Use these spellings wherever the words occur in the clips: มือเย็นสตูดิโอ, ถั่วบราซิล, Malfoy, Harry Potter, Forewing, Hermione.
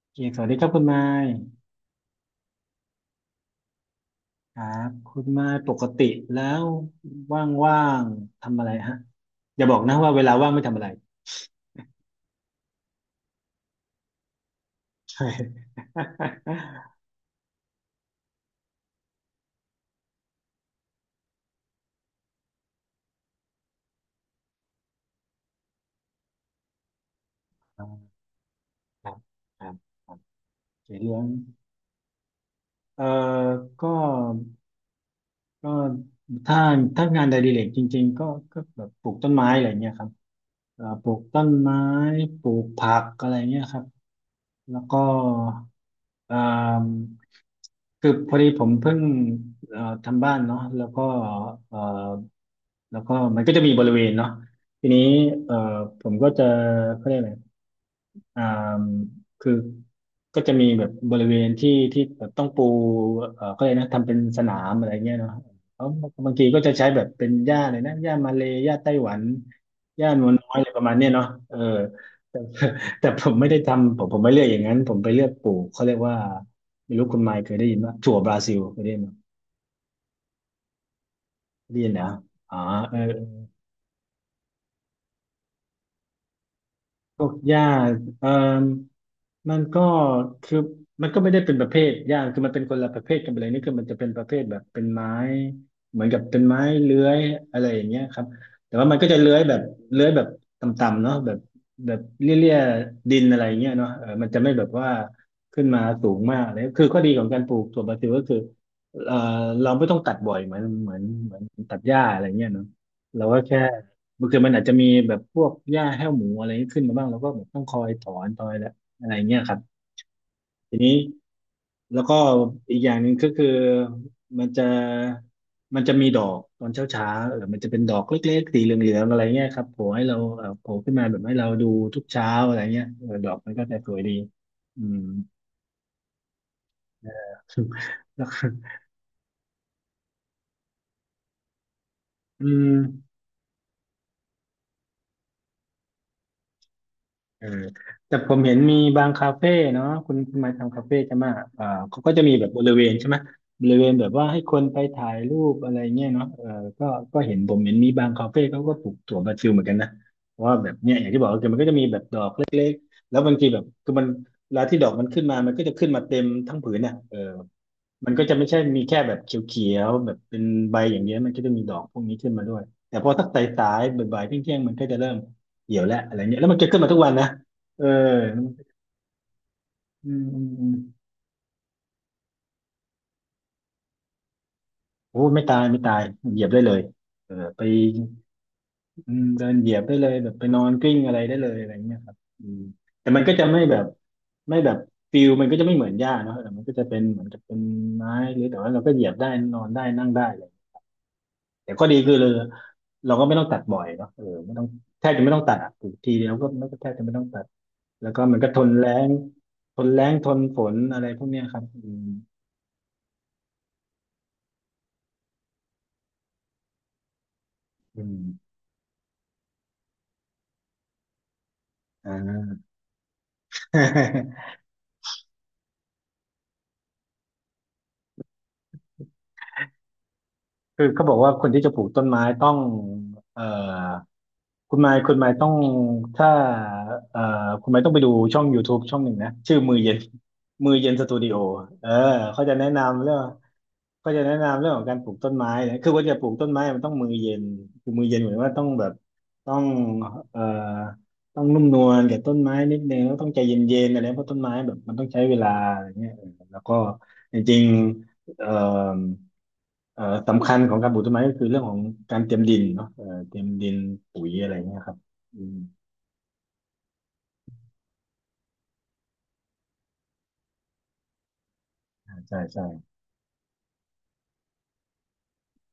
โอเคสวัสดีครับคุณไม้ครับคุณไม้ปกติแล้วว่างๆทำอะไรฮะอย่าบอกนะว่าเวลาว่างไม่ทำอะไร ใช่ ครับครับครับโอเคเรื่องเอ่อก็ก็ถ้าถ้างานใดดิเรกจริงๆก็แบบปลูกต้นไม้อะไรเงี้ยครับปลูกต้นไม้ปลูกผักอะไรเงี้ยครับ แล้วก็เอ่มคือพอดีผมเพิ่งทำบ้านเนาะแล้วก็เอ่อแล้วก็มันก็จะมีบริเวณเนาะทีนี้เอ่อผมก็จะเขาเรียกอะไรอ่ามคือก็จะมีแบบบริเวณที่ที่แบบต้องปูก็เลยกนะทำเป็นสนามอะไรเงี้ยเนาะแล้วบางทีก็จะใช้แบบเป็นหญ้าเลยนะหญ้ามาเลยหญ้าไต้หวัน อะไรประมาณเนี้ยเนาะเออแต่ แต่ผมไม่ได้ทำผมไม่เลือกอย่างนั้นผมไปเลือกปลูกเขาเรียกว่าไม่รู้คุณไมค์เคยได้ยินว่าถั่วบราซิลเคยได้ยินไหมได้ยินนะอ๋อเออพวกหญ้าเออ มันก็คือมันก็ไม่ได้เป็นประเภทย่างคือมันเป็นคนละประเภทกันไปเลยนี่คือมันจะเป็นประเภทแบบเป็นไม้เหมือนกับเป็นไม้เลื้อยอะไรอย่างเงี้ยครับแต่ว่ามันก็จะเลื้อยแบบเลื้อยแบบต่ำๆเนาะแบบแบบเลี่ยๆดินอะไรอย่างเงี้ยเนาะเออมันจะไม่แบบว่าขึ้นมาสูงมากเลยคือข้อดีของการปลูกถั่วบราซิลก็คือเออเราไม่ต้องตัดบ่อยเหมือนตัดหญ้าอะไรเงี้ยเนาะเราก็แค่บางทีมันอาจจะมีแบบพวกหญ้าแห้วหมูอะไรขึ้นมาบ้างเราก็แบบต้องคอยถอนตอย อะไรเงี้ยครับทีนี้แล้วก็อีกอย่างหนึ่งก็คือมันจะมันจะมีดอกตอนเช้าเช้าเออมันจะเป็นดอกเล็กๆสีเหลืองๆอะไรเงี้ยครับโผล่ให้เราเออโผล่ขึ้นมาแบบให้เราดูทุกเช้าอะไรเงี้ยเออดอกมันก็จะสวยดีอืม แล้วอืม เออแต่ผมเห็นมีบางคาเฟ่เนาะคุณคุณมาทำคาเฟ่ใช่ไหมเออเขาก็จะมีแบบบริเวณใช่ไหมบริเวณแบบว่าให้คนไปถ่ายรูปอะไรเงี้ยเนาะเออก็ก็เห็นผมเห็นมีบางคาเฟ่เขาก็ปลูกถั่วบราซิลเหมือนกันนะเพราะว่าแบบเนี้ยอย่างที่บอกก็คือมันก็จะมีแบบดอกเล็กๆแล้วบางทีแบบคือมันเวลาที่ดอกมันขึ้นมามันก็จะขึ้นมาเต็มทั้งผืนน่ะเออ มันก็จะไม่ใช่มีแค่แบบเขียวๆแบบเป็นใบอย่างเดี้มันก็จะมีดอกพวกนี้ขึ้นมาด้วยแต่พอสักสายๆบ่ายๆเที่ยงๆมันก็จะเริ่มเหี่ยวแล้วอะไรเงี้ยแล้วมันจะขึ้นมาทุกวันนะเอออืมอืมอืมโอ้ไม่ตายไม่ตายเหยียบได้เลยเออไปอืมเดินเหยียบได้เลยแบบไปนอนกลิ้งอะไรได้เลยอะไรเงี้ยครับอืมแต่มันก็จะไม่แบบไม่แบบฟิลมันก็จะไม่เหมือนหญ้าเนาะแต่มันก็จะเป็นเหมือนกับเป็นไม้หรือแต่ว่าเราก็เหยียบได้นอนได้นั่งได้เลยแต่ข้อดีคือเลย เราก็ไม่ต้องตัดบ่อยเนาะเออไม่ต้องแทบจะไม่ต้องตัดอะปลูกทีเดียวก็ไม่ก็แทบจะไม่ต้องตัด แล้วก็มันก็ทนแล้งทนฝนอะไรพวกเนี้ยครับอืมอืมอ่า คือเขาบอกว่าคนที่จะปลูกต้นไม้ต้องเอ่อคุณไมค์ต้องถ้าเอ่อคุณไมค์ต้องไปดูช่อง YouTube ช่องหนึ่งนะ ชื่อมือเย็นมือเย็นสตูดิโอเออเขาจะแนะนำเรื่อง ก็จะแนะนำเรื่องของการปลูกต้นไม้นะคือว่าจะปลูกต้นไม้มันต้องมือเย็นคือมือเย็นเหมือนว่าต้องแบบต้องเอ่อต้องนุ่มนวลกับต้นไม้นิดนึงแล้วต้องใจเย็นๆอะไรเพราะต้นไม้แบบมันต้องใช้เวลาอะไรเงี้ยเออแล้วก็จริงๆสำคัญของการปลูกต้นไม้ก็คือเรื่องของการเตรียมดินเนาะเตรียมดินปุ๋ยอะไรเงี้ยครับอืมใช่ใช่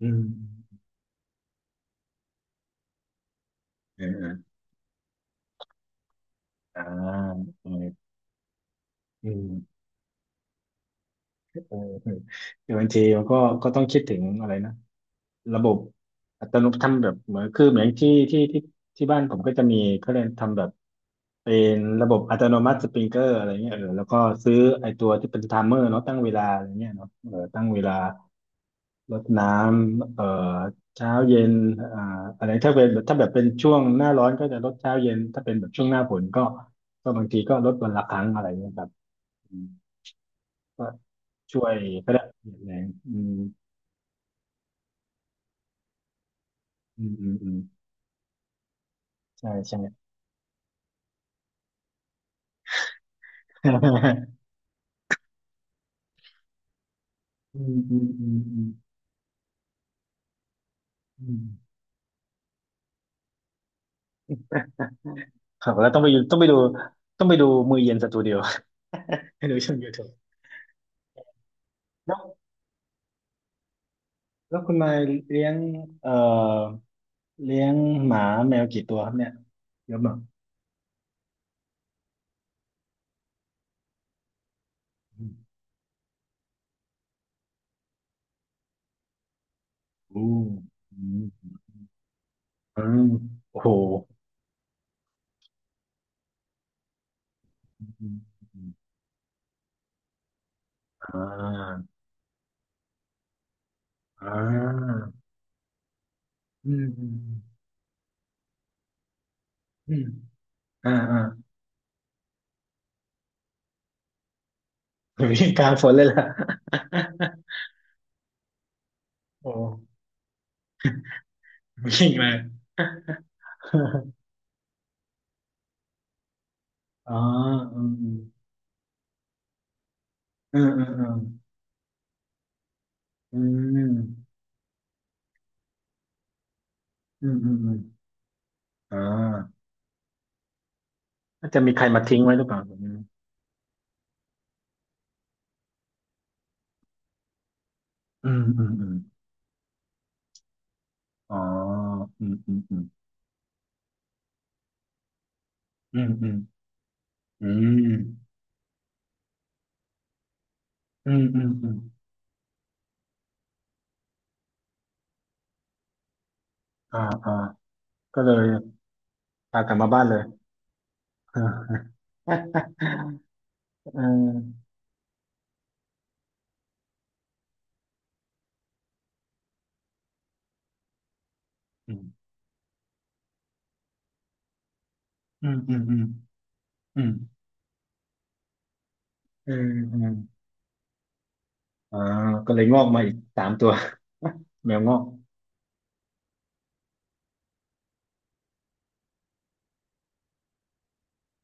อืมเออเอออ่าเอออืมเออคือบางทีมันก็ต้องคิดถึงอะไรนะ ระบบอัตโนมัติทำแบบเหมือนคือเหมือนที่บ้านผมก็จะมีเขาเรียนทำแบบเป็นระบบอัตโนมัติสปริงเกอร์อะไรเงี้ยเออแล้วก็ซื้อไอตัวที่เป็นไทม์เมอร์เนาะตั้งเวลาอะไรเงี้ยเนาะเออตั้งเวลารดน้ำเออเช้าเย็นอ่าอะไรถ้าเป็นถ้าแบบเป็นช่วงหน้าร้อนก็จะลดเช้าเย็นถ้าเป็นแบบช่วงหน้าฝนก็บางทีก็ลดวันละครั้งอะไรเงี้ยครับอืมก็ช่วยก็ได้แรงอืมอืมอืมอืมใช่ใช่ อืมอืมอืมอืม อืมครับแล้วต้องไปดูต้องไปดูมือเย็นสตูดิโอ ให้ดูช่อง YouTube แล้วคุณมายเลี้ยงเอ่อเลี้ยงหมาแมวกี่ตัวครับเนี่ย เยอะมากอืมอืมอืมอืมโอ้โหอืมอืมอ่าอ่าอืมอืม อืมอ่าอ่าวิ่งกลางฝนเลยล่ะ โอ้วิ่งมา อ๋ออืมอืมอืมอืมอืมอืมอืมอืมอมอ่า น่าจะมีใครมาทิ้งไว้หรือเปล่าผมอืมอืมอืมอ๋ออืมอืมอืมอืมอืมอืมอืมอืมอืมอ่าอ่าก็เลยพากลับมาบ้านเลยเอ่เอออืมอืมอืมอืมอืมเออเอออ่าก็เลยงอกมาอีกสามตัวแมวงอก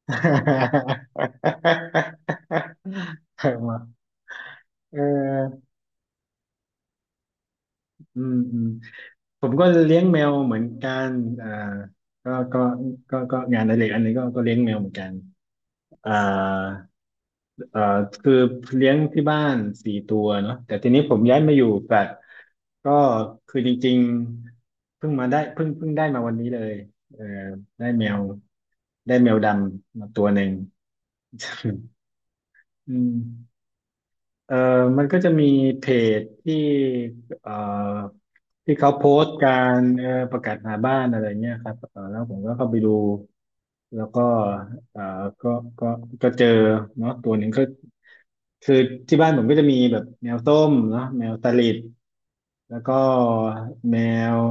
เอามาเอออืมอืม ผมก็เลี้ยงแมวเหมือนกันอ่าก็ก็ก็งานอดิเรกอันนี้ก็เลี้ยงแมวเหมือนกันอ่าเอ่อคือเลี้ยงที่บ้านสี่ตัวเนาะแต่ทีนี้ผมย้ายมาอยู่แฟลตก็คือจริงๆเพิ่งมาได้เพิ่งได้มาวันนี้เลยเออได้แมวได้แมวดำมาตัวหนึ่ง อืม เออมันก็จะมีเพจที่เอ่อที่เขาโพสต์การประกาศหาบ้านอะไรเงี้ยครับเออแล้วผมก็เข้าไปดู แล้วก็เอ่อก็ก็ก็เจอเนาะตัวหนึ่งก็คือที่บ้านผมก็จะมีแบบแมวส้มเนาะแมวตะลิด แล้วก็แมว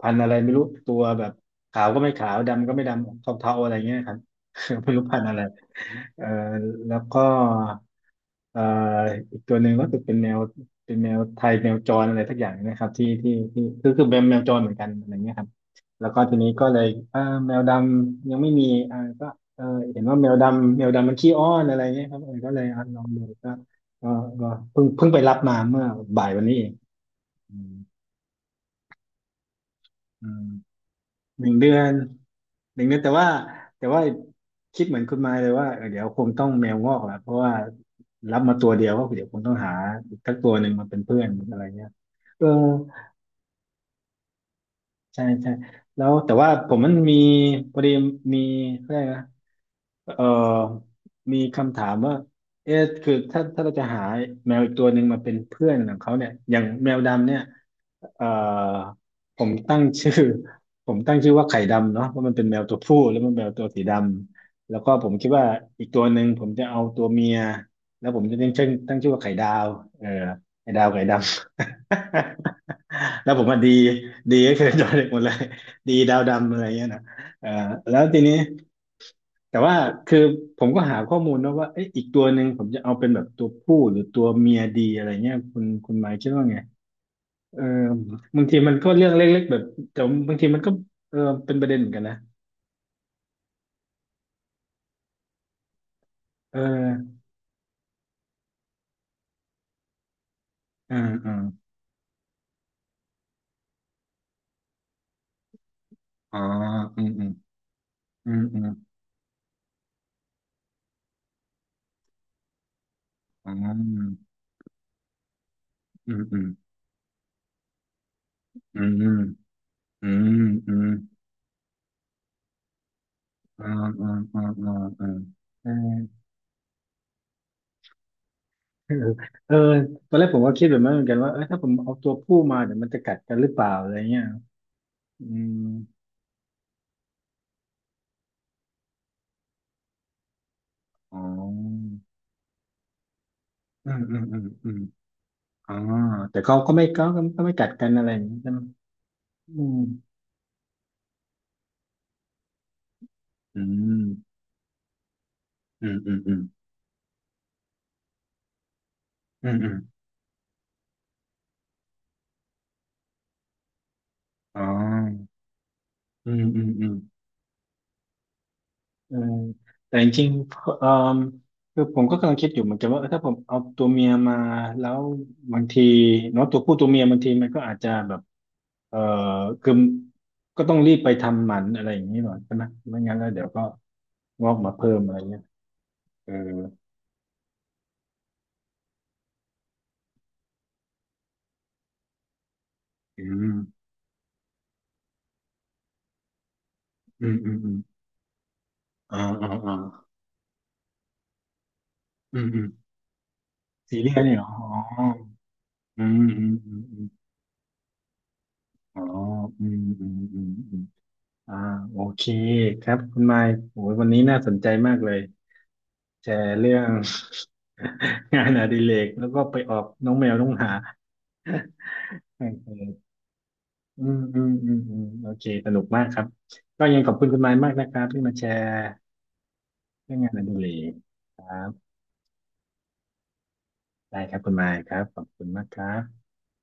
พันธุ์อะไรไม่รู้ตัวแบบขาวก็ไม่ขาวดำก็ไม่ดำเทาๆอะไรเงี้ยครับ ไม่รู้พันธุ์อะไรเอ่อแล้วก็เอ่ออีกตัวหนึ่งก็คือเป็นแมวเป็นแมวไทยแมวจรอะไรทักอย่างนะครับที่คือคือแมวแมวจรเหมือนกันอะไรเงี้ยครับแล้วก็ทีนี้ก็เลยเออแมวดำยังไม่มีอ่าก็เออเห็นว่าแมวดำแมวดำมันขี้อ้อนอะไรเงี้ยครับเออก็เลยอ่ะลองดูก็ก็ก็เพิ่งไปรับมาเมื่อบ่ายวันนี้เอง อืมอืมหนึ่งเดือนหนึ่งเดือนแต่ว่าแต่ว่าคิดเหมือนคุณมายเลยว่าเออเดี๋ยวคงต้องแมวงอกแหละเพราะว่ารับมาตัวเดียวก็เดี๋ยวคงต้องหาอีกสักตัวหนึ่งมาเป็นเพื่อนอะไรเงี้ยเออใช่ใช่แล้วแต่ว่าผมมันมีพอดีมีอะไรยกนะ เอ่อมีคำถามว่าเอ๊ะคือถ้าถ้าเราจะหาแมวอีกตัวหนึ่งมาเป็นเพื่อนของเขาเนี่ยอย่างแมวดำเนี่ยเอ่อผมตั้งชื่อ ผมตั้งชื่อว่าไข่ดำเนาะเพราะมันเป็นแมวตัวผู้แล้วมันแมวตัวสีดำแล้วก็ผมคิดว่าอีกตัวหนึ่งผมจะเอาตัวเมียแล้วผมจะตั้งชื่อว่าไข่ดาวเออไข่ดาวไข่ดำ แล้วผมว่าดีดีก็คือ จอเด็กหมดเลยดีดาวดำอะไรเงี้ยนะเออแล้วทีนี้ แต่ว่าคือผมก็หาข้อมูลนะว่าเอ๊ะอีกตัวหนึ่งผมจะเอาเป็นแบบตัวผู้หรือตัวเมียดีอะไรเงี้ยคุณหมายคิดว่าไงเออบางทีมันก็เรื่องเล็กๆแบบแต่บางทีมันก็เออเป็นประเด็นเหมือนกันนะเอออ่าอ่าอ๋ออืมอืมอืมอืมอ๋ออืมอืมอืมอืมอืมอมอ๋ออ๋ออ๋ออ๋ออ๋อเออเออเออตอนแรกผมก็คิดแบบนั้นเหมือนกันว่าเออถ้าผมเอาตัวผู้มาเดี๋ยวมันจะกัดกันหรือเปล่าอะไรเงี้ยอืม อ๋ออืมอืมอืมอืมอ๋อแต่เขาก็ไม่ก็ก็ก็ไม่กัดกันอะไรอย่างนี้ใช่ไหมอืมอืมอืมอืมอืมอืมอืมอ๋ออืมอืมอืมเออแต่จริงๆเออคือผมก็กำลังคิดอยู่เหมือนกันว่าเออถ้าผมเอาตัวเมียมาแล้วบางทีเนาะตัวผู้ตัวเมียบางทีมันก็อาจจะแบบเออคือก็ต้องรีบไปทำหมันอะไรอย่างนี้หน่อยใช่ไหมไม่งั้นแล้วเดี๋ยวก็งอกมาเพิ่มอะไรเงี้ยเอออืมอืมอืมอืม อ่าอ่าอ่าอืมอืมซีเรียสเนี่ยเหรออ๋ออืมอืมอืมอืมอ๋ออืมอืมอืมอืมอ่าโอเคครับคุณไมค์โอ้ยวันนี้น่าสนใจมากเลยแชร์เรื่อง งานอดิเรกแล้วก็ไปออกน้องแมวน้องหมาโอเคอืมอืมอืมอืมโอเคสนุกมากครับก็ยังขอบคุณคุณไมค์มากนะครับที่มาแชร์เรื่องงานอดิเรกครับได้ครับคุณไมค์ครับขอบคุณมากครับ